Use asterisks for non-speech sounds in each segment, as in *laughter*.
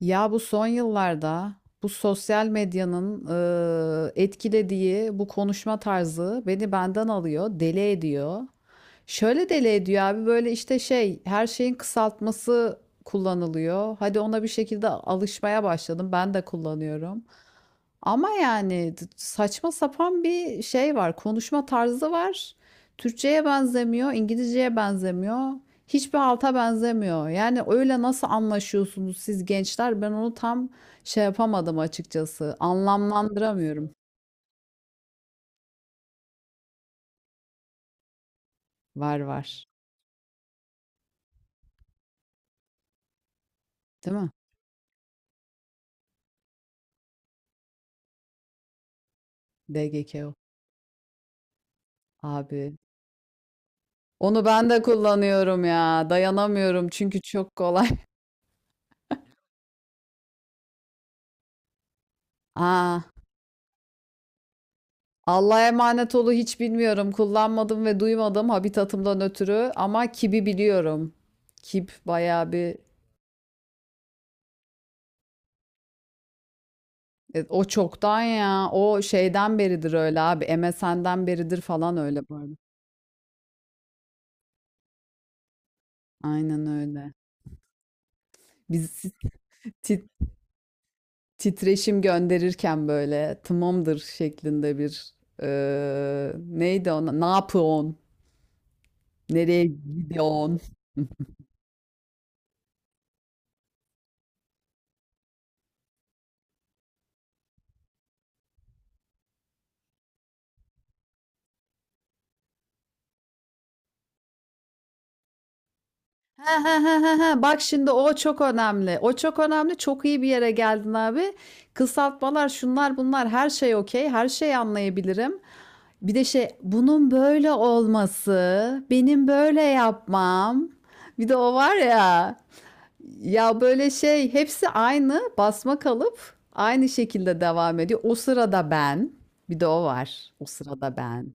Ya bu son yıllarda bu sosyal medyanın etkilediği bu konuşma tarzı beni benden alıyor, deli ediyor. Şöyle deli ediyor abi, böyle işte şey, her şeyin kısaltması kullanılıyor. Hadi ona bir şekilde alışmaya başladım. Ben de kullanıyorum. Ama yani saçma sapan bir şey var. Konuşma tarzı var. Türkçeye benzemiyor, İngilizceye benzemiyor. Hiçbir halta benzemiyor. Yani öyle nasıl anlaşıyorsunuz siz gençler? Ben onu tam şey yapamadım açıkçası. Anlamlandıramıyorum. Var var. Değil mi? DGKO. Abi. Onu ben de kullanıyorum ya. Dayanamıyorum çünkü çok kolay. *laughs* Aa, Allah'a emanet olu hiç bilmiyorum. Kullanmadım ve duymadım habitatımdan ötürü ama kibi biliyorum. Kip bayağı bir. O çoktan ya. O şeyden beridir öyle abi. MSN'den beridir falan öyle böyle. Aynen öyle. Biz ti- titreşim gönderirken böyle tamamdır şeklinde bir neydi ona? Ne yapıyorsun? Nereye gidiyorsun? *laughs* Ha ha ha ha ha. Bak şimdi o çok önemli. O çok önemli. Çok iyi bir yere geldin abi. Kısaltmalar, şunlar bunlar, her şey okey. Her şeyi anlayabilirim. Bir de şey, bunun böyle olması, benim böyle yapmam. Bir de o var ya. Ya böyle şey, hepsi aynı basma kalıp aynı şekilde devam ediyor. O sırada ben. Bir de o var. O sırada ben.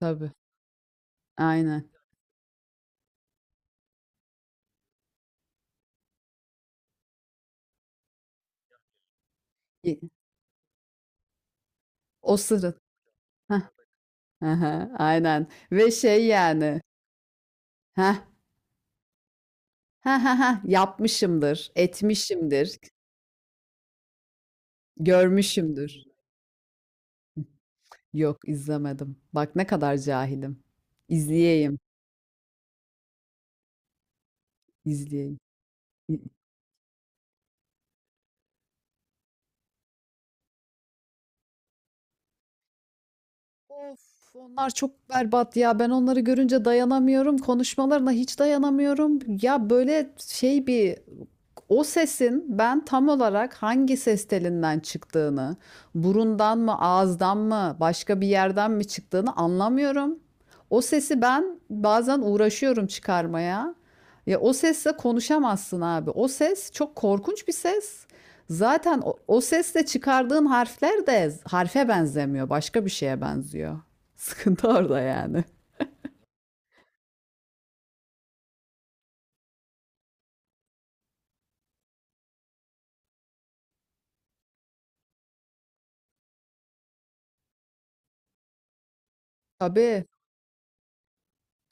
Tabii. Aynen. Y- O sırada. Hı, aynen ve şey yani, ha ha ha ha yapmışımdır, etmişimdir, görmüşümdür. Yok, izlemedim. Bak ne kadar cahilim. İzleyeyim, izleyeyim. İ- Of, onlar çok berbat ya. Ben onları görünce dayanamıyorum. Konuşmalarına hiç dayanamıyorum. Ya böyle şey bir, o sesin ben tam olarak hangi ses telinden çıktığını, burundan mı, ağızdan mı, başka bir yerden mi çıktığını anlamıyorum. O sesi ben bazen uğraşıyorum çıkarmaya. Ya o sesle konuşamazsın abi. O ses çok korkunç bir ses. Zaten o sesle çıkardığın harfler de harfe benzemiyor, başka bir şeye benziyor. *laughs* Sıkıntı orada yani. Tabii.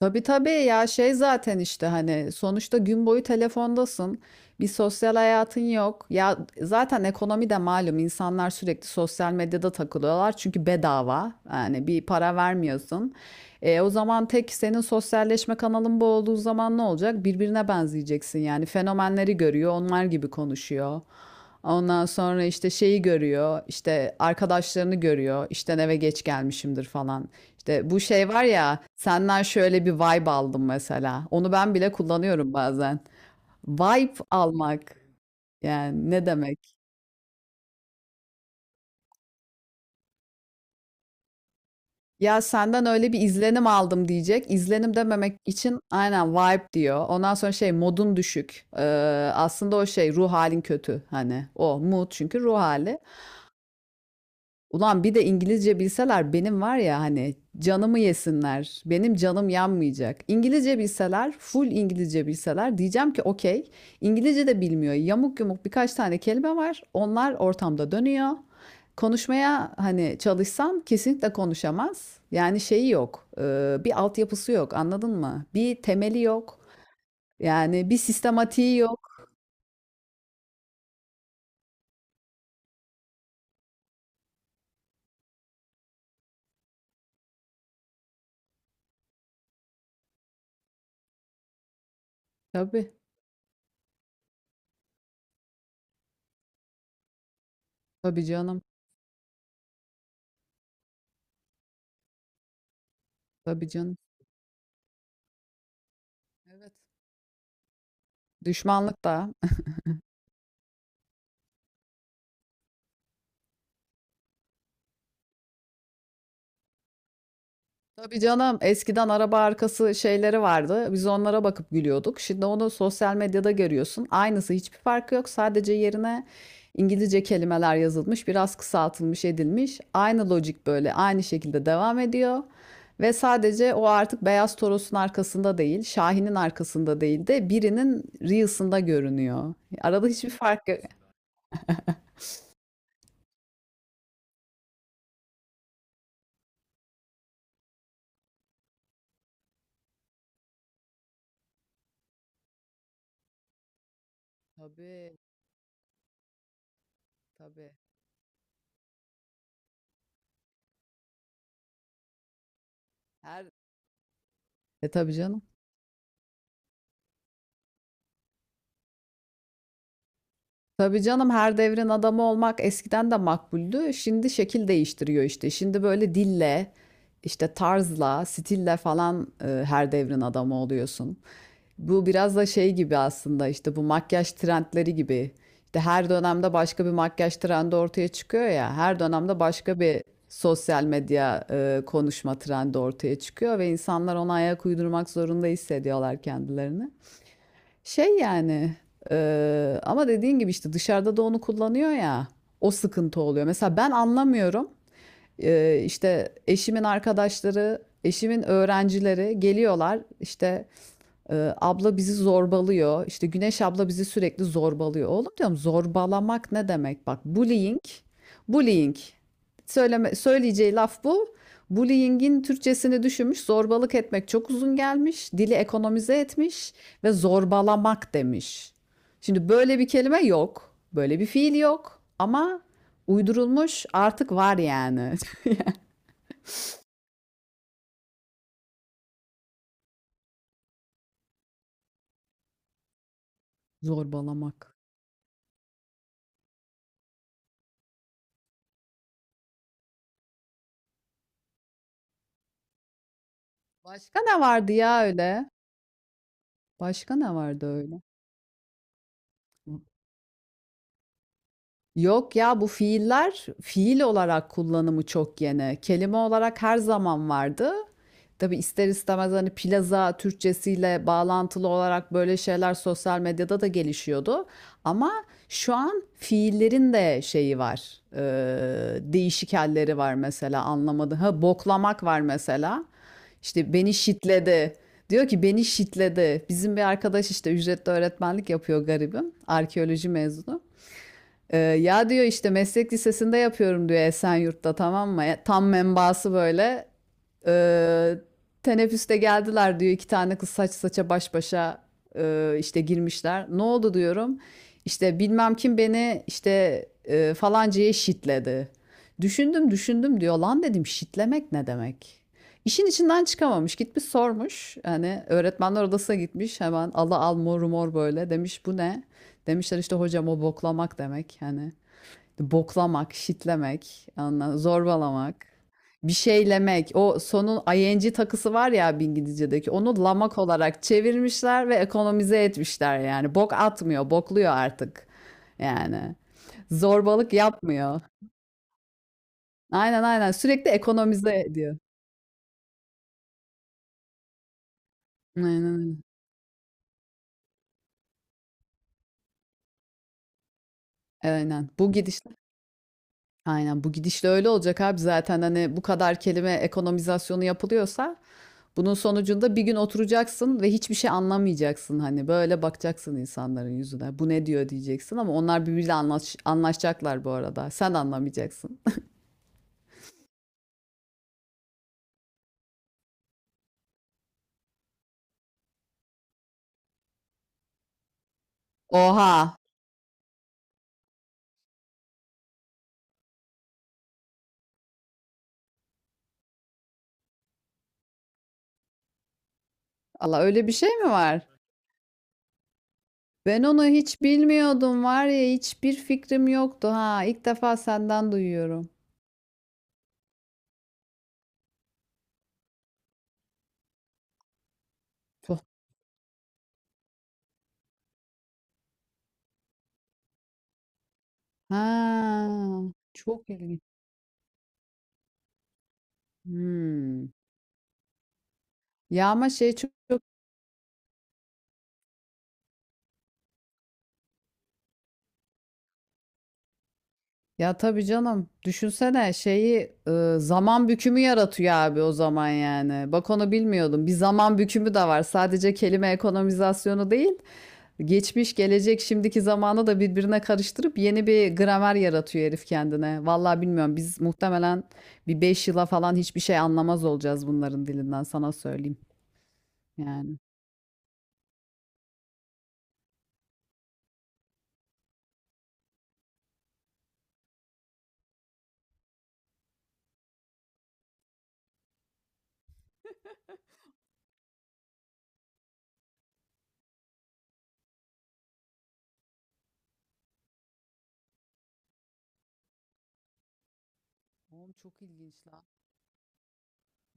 Tabii tabii ya, şey zaten işte, hani sonuçta gün boyu telefondasın. Bir sosyal hayatın yok. Ya zaten ekonomi de malum, insanlar sürekli sosyal medyada takılıyorlar çünkü bedava. Yani bir para vermiyorsun. E, o zaman tek senin sosyalleşme kanalın bu olduğu zaman ne olacak? Birbirine benzeyeceksin yani. Fenomenleri görüyor, onlar gibi konuşuyor. Ondan sonra işte şeyi görüyor, işte arkadaşlarını görüyor, işten eve geç gelmişimdir falan. İşte bu şey var ya, senden şöyle bir vibe aldım mesela. Onu ben bile kullanıyorum bazen. Vibe almak yani ne demek? Ya senden öyle bir izlenim aldım diyecek. İzlenim dememek için aynen vibe diyor. Ondan sonra şey, modun düşük. Aslında o şey, ruh halin kötü hani. O mood çünkü ruh hali. Ulan bir de İngilizce bilseler benim, var ya, hani canımı yesinler. Benim canım yanmayacak. İngilizce bilseler, full İngilizce bilseler, diyeceğim ki okey. İngilizce de bilmiyor. Yamuk yumuk birkaç tane kelime var. Onlar ortamda dönüyor. Konuşmaya hani çalışsam kesinlikle konuşamaz. Yani şeyi yok. Bir altyapısı yok. Anladın mı? Bir temeli yok. Yani bir sistematiği yok. Tabii. Tabii canım. Tabii canım. Evet. Düşmanlık da. Tabii canım, eskiden araba arkası şeyleri vardı. Biz onlara bakıp gülüyorduk. Şimdi onu sosyal medyada görüyorsun. Aynısı, hiçbir farkı yok. Sadece yerine İngilizce kelimeler yazılmış, biraz kısaltılmış edilmiş. Aynı lojik, böyle aynı şekilde devam ediyor. Ve sadece o artık Beyaz Toros'un arkasında değil, Şahin'in arkasında değil de birinin Reels'ında görünüyor. Arada hiçbir fark yok. Tabii, tabii. Her... E, tabii canım. Tabii canım, her devrin adamı olmak eskiden de makbuldü. Şimdi şekil değiştiriyor işte. Şimdi böyle dille, işte tarzla, stille falan, her devrin adamı oluyorsun. Bu biraz da şey gibi aslında, işte bu makyaj trendleri gibi. İşte her dönemde başka bir makyaj trendi ortaya çıkıyor ya. Her dönemde başka bir sosyal medya konuşma trendi ortaya çıkıyor ve insanlar ona ayak uydurmak zorunda hissediyorlar kendilerini. Şey yani, ama dediğin gibi, işte dışarıda da onu kullanıyor ya, o sıkıntı oluyor. Mesela ben anlamıyorum. İşte eşimin arkadaşları, eşimin öğrencileri geliyorlar, işte abla bizi zorbalıyor. İşte Güneş abla bizi sürekli zorbalıyor. Oğlum diyorum, zorbalamak ne demek? Bak, bullying, bullying. Söyleme, söyleyeceği laf bu. Bullying'in Türkçesini düşünmüş, zorbalık etmek çok uzun gelmiş, dili ekonomize etmiş ve zorbalamak demiş. Şimdi böyle bir kelime yok, böyle bir fiil yok ama uydurulmuş, artık var yani. *laughs* Zorbalamak. Başka ne vardı ya öyle? Başka ne vardı öyle? Yok ya, bu fiiller, fiil olarak kullanımı çok yeni. Kelime olarak her zaman vardı. Tabii ister istemez, hani plaza Türkçesiyle bağlantılı olarak böyle şeyler sosyal medyada da gelişiyordu. Ama şu an fiillerin de şeyi var. Değişik halleri var mesela, anlamadım. Ha, boklamak var mesela. İşte beni şitledi. Diyor ki beni şitledi. Bizim bir arkadaş işte ücretli öğretmenlik yapıyor garibim. Arkeoloji mezunu. Ya diyor, işte meslek lisesinde yapıyorum diyor, Esenyurt'ta, tamam mı? Tam menbaası böyle. ee, Teneffüste geldiler diyor, iki tane kız saç saça baş başa işte girmişler. Ne oldu diyorum. İşte bilmem kim beni işte falancaya şitledi. Düşündüm düşündüm diyor. Lan dedim, şitlemek ne demek? İşin içinden çıkamamış. Gitmiş sormuş. Hani öğretmenler odasına gitmiş. Hemen ala al mor mor böyle. Demiş bu ne? Demişler işte hocam, o boklamak demek. Hani boklamak, shitlemek, anla, zorbalamak, bir şeylemek. O sonun ing takısı var ya, bir İngilizce'deki. Onu lamak olarak çevirmişler ve ekonomize etmişler yani. Bok atmıyor, bokluyor artık. Yani zorbalık yapmıyor. Aynen aynen, sürekli ekonomize ediyor. Aynen aynen. Aynen. Bu gidiş. Aynen, bu gidişle öyle olacak abi, zaten hani bu kadar kelime ekonomizasyonu yapılıyorsa bunun sonucunda bir gün oturacaksın ve hiçbir şey anlamayacaksın, hani böyle bakacaksın insanların yüzüne, bu ne diyor diyeceksin ama onlar birbiriyle anlaşacaklar, bu arada sen anlamayacaksın. *laughs* Oha, Allah öyle bir şey mi var? Ben onu hiç bilmiyordum, var ya hiçbir fikrim yoktu, ha ilk defa senden duyuyorum. Tuh. Ha, çok ilginç. Hmm. Ya ama şey çok, ya tabii canım. Düşünsene şeyi, zaman bükümü yaratıyor abi o zaman yani. Bak onu bilmiyordum. Bir zaman bükümü de var. Sadece kelime ekonomizasyonu değil. Geçmiş, gelecek, şimdiki zamanı da birbirine karıştırıp yeni bir gramer yaratıyor herif kendine. Vallahi bilmiyorum. Biz muhtemelen bir 5 yıla falan hiçbir şey anlamaz olacağız bunların dilinden, sana söyleyeyim yani. Oğlum çok ilginç la.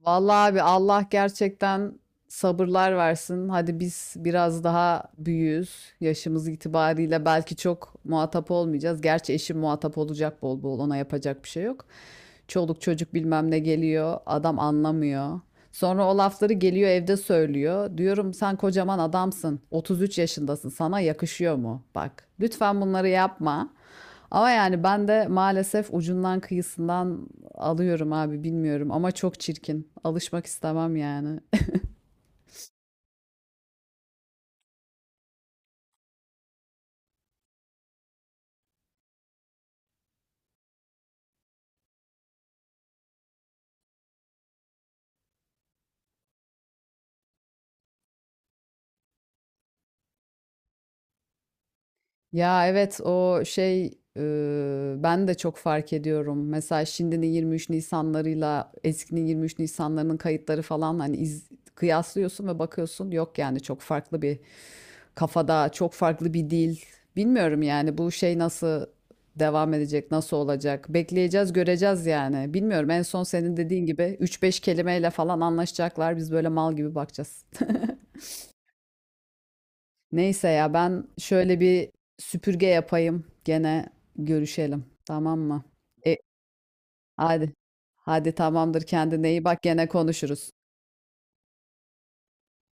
Vallahi abi Allah gerçekten sabırlar versin. Hadi biz biraz daha büyüğüz. Yaşımız itibariyle belki çok muhatap olmayacağız. Gerçi eşim muhatap olacak bol bol. Ona yapacak bir şey yok. Çoluk çocuk bilmem ne geliyor. Adam anlamıyor. Sonra o lafları geliyor, evde söylüyor. Diyorum sen kocaman adamsın. 33 yaşındasın. Sana yakışıyor mu? Bak lütfen bunları yapma. Ama yani ben de maalesef ucundan kıyısından alıyorum abi, bilmiyorum, ama çok çirkin. Alışmak istemem yani. Ya evet, o şey, ben de çok fark ediyorum. Mesela şimdinin 23 Nisanlarıyla eskinin 23 Nisanlarının kayıtları falan, hani kıyaslıyorsun ve bakıyorsun, yok yani, çok farklı bir kafada, çok farklı bir dil. Bilmiyorum yani bu şey nasıl devam edecek, nasıl olacak? Bekleyeceğiz, göreceğiz yani. Bilmiyorum, en son senin dediğin gibi üç beş kelimeyle falan anlaşacaklar. Biz böyle mal gibi bakacağız. Neyse ya, ben şöyle bir süpürge yapayım. Gene görüşelim. Tamam mı? E, hadi. Hadi tamamdır, kendine iyi bak, gene konuşuruz.